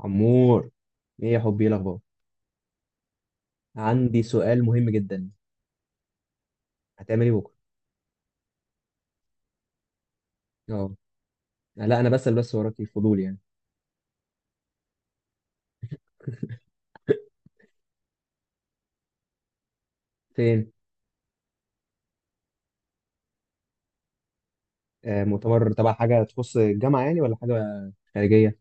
عمور، ايه يا حبي، ايه الاخبار؟ عندي سؤال مهم جدا. هتعمل ايه بكره؟ اه. لا انا بسأل بس، وراك الفضول يعني. فين؟ مؤتمر تبع حاجه تخص الجامعه يعني، ولا حاجه خارجيه؟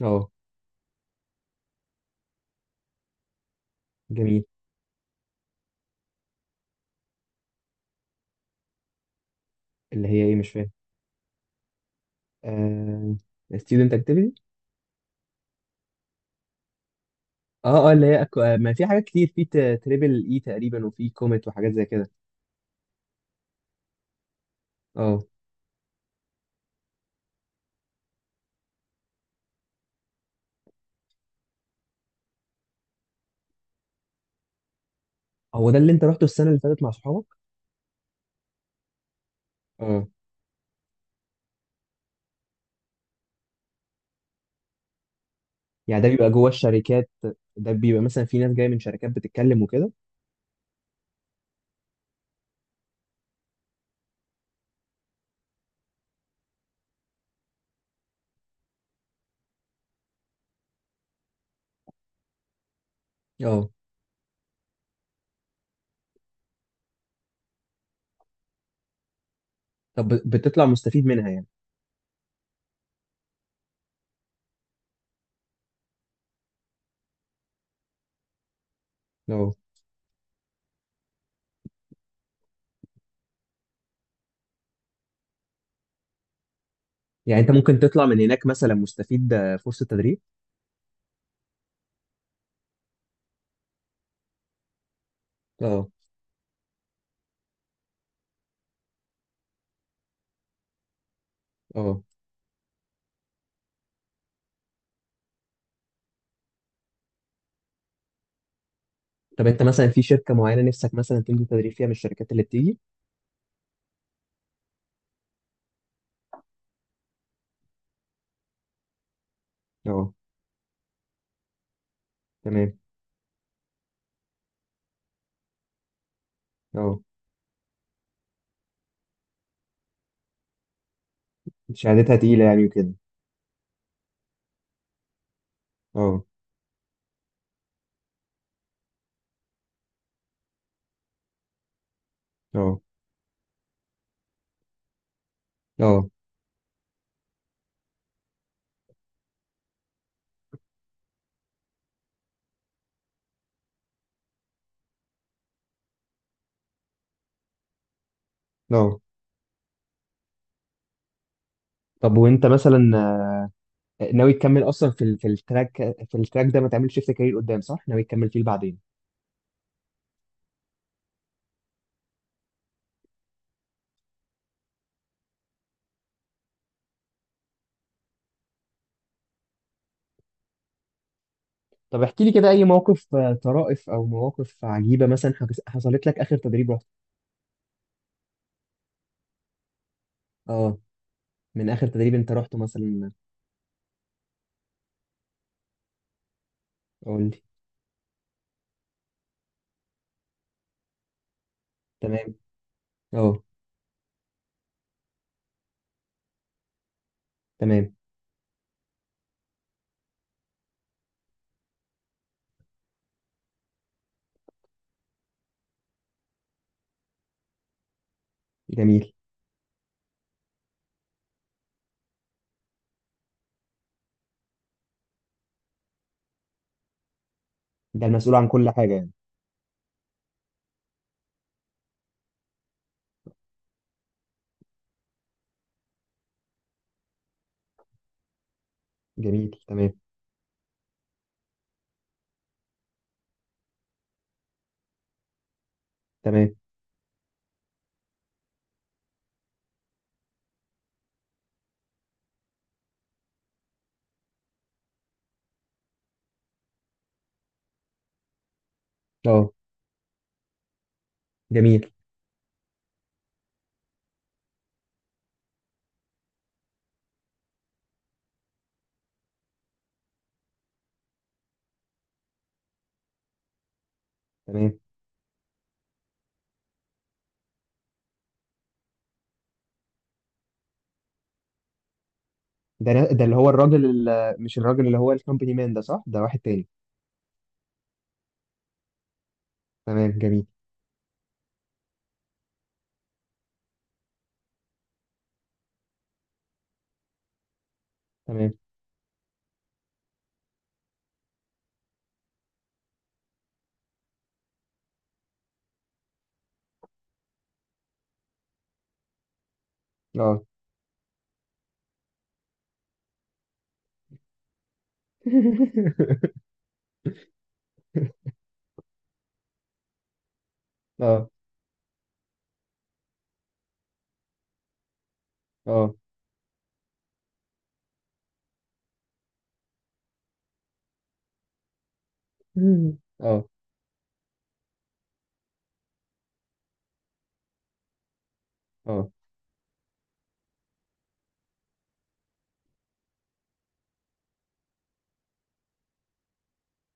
اه جميل. اللي هي ايه؟ مش فاهم. آه student activity. اه اه، اللي هي أكو... آه ما في حاجات كتير، في تريبل اي تقريبا، وفي كوميت وحاجات زي كده. اه، هو ده اللي انت رحته السنه اللي فاتت مع صحابك؟ اه. يعني ده بيبقى جوه الشركات؟ ده بيبقى مثلا في ناس جايه من شركات بتتكلم وكده؟ اه. طب بتطلع مستفيد منها يعني؟ اه. يعني انت ممكن تطلع من هناك مثلا مستفيد، فرصة تدريب. اه اه. طب انت مثلا في شركة معينة نفسك مثلا تنزل تدريب فيها من الشركات اللي بتيجي؟ اه تمام. اه، شهادتها تقيلة يعني وكده. اه اه اه اه. طب وانت مثلا، ناوي تكمل اصلا في التراك؟ في التراك ده ما تعملش شيفت كارير قدام صح؟ ناوي تكمل فيه بعدين؟ طب احكي لي كده اي موقف، طرائف او مواقف عجيبة مثلا حصلت لك اخر تدريب رحت. اه. من اخر تدريب انت رحته مثلا. قول لي. تمام. اه تمام جميل. ده المسؤول عن كل حاجة يعني؟ جميل تمام. تمام اه جميل تمام. ده اللي هو الراجل اللي، مش الراجل اللي هو الكومباني مان ده صح، ده واحد تاني؟ تمام جميل. تمام اه. اه اه اه اه.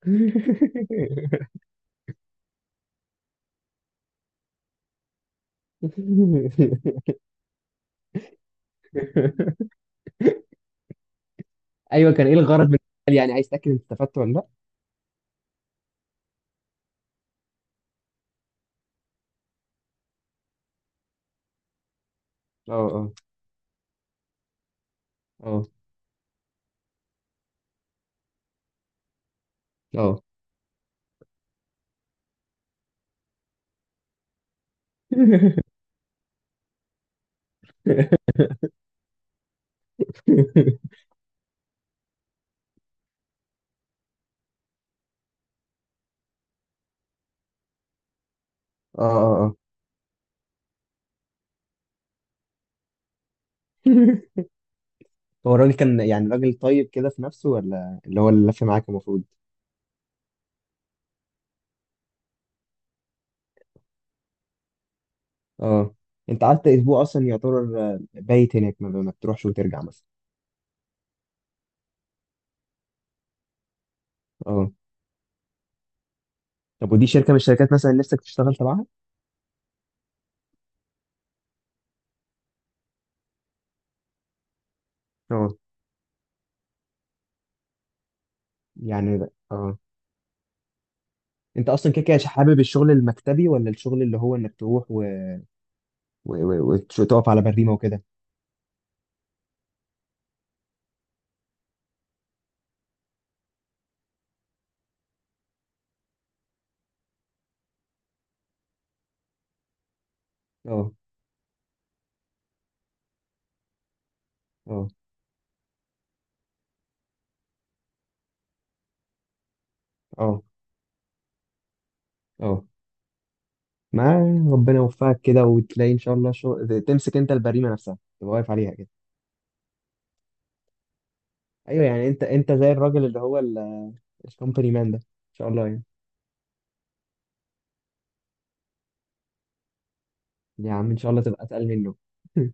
ايوه، كان ايه الغرض من السؤال؟ يعني عايز تاكد انت استفدت ولا لا؟ اه اه اه اه. اه اه اه. هو الراجل كان يعني راجل طيب كده في نفسه، ولا اللي هو اللي لف معاك المفروض؟ اه. انت قعدت اسبوع اصلا، يعتبر بايت هناك، ما بتروحش وترجع مثلا؟ اه. طب ودي شركه من الشركات مثلا نفسك تشتغل تبعها؟ اه. اه. انت اصلا كده كده حابب الشغل المكتبي، ولا الشغل اللي هو انك تروح و... وتقف على بريمه وكده؟ اه اه اه اه. ما ربنا يوفقك كده، وتلاقي ان شاء الله شغل تمسك انت البريمه نفسها، تبقى واقف عليها كده. ايوه، يعني انت زي الراجل اللي هو الكومباني مان ده ان شاء الله يعني. يا عم ان شاء الله تبقى اتقل منه.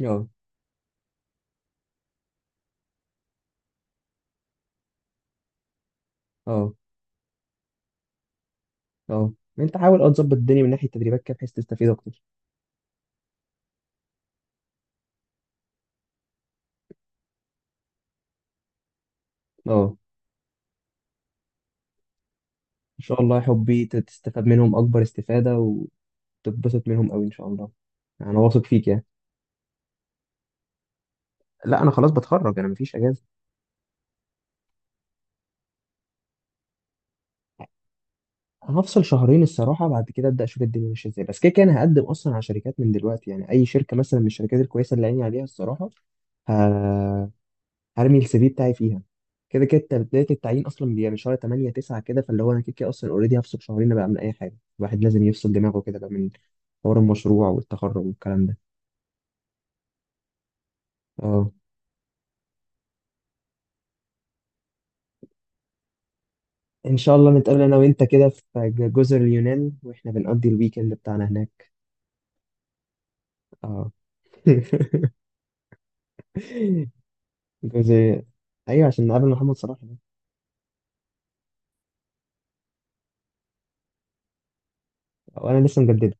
اه اه اه. انت حاول اه تظبط الدنيا من ناحيه التدريبات كده، بحيث تستفيد اكتر. اه ان شاء الله يا حبي، تستفاد منهم اكبر استفاده، وتتبسط منهم قوي ان شاء الله. انا واثق فيك يعني. لا انا خلاص بتخرج، انا مفيش اجازه. هفصل شهرين الصراحه، بعد كده ابدا اشوف الدنيا ماشيه ازاي، بس كده كده انا هقدم اصلا على شركات من دلوقتي، يعني اي شركه مثلا من الشركات الكويسه اللي عيني عليها الصراحه. ه... هرمي السي في بتاعي فيها. كده كده بداية التعيين أصلا بيبقى من شهر 8 9 كده، فاللي هو أنا كده كده أصلا أوريدي هفصل شهرين بقى من أي حاجة. الواحد لازم يفصل دماغه كده بقى من حوار المشروع والتخرج والكلام ده. أه. إن شاء الله نتقابل أنا وأنت كده في جزر اليونان، وإحنا بنقضي الويكند بتاعنا هناك. أه. جزر. أيوة عشان نقابل محمد صلاح ده. وأنا لسه مجددة.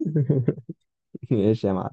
ماشي يا معلم.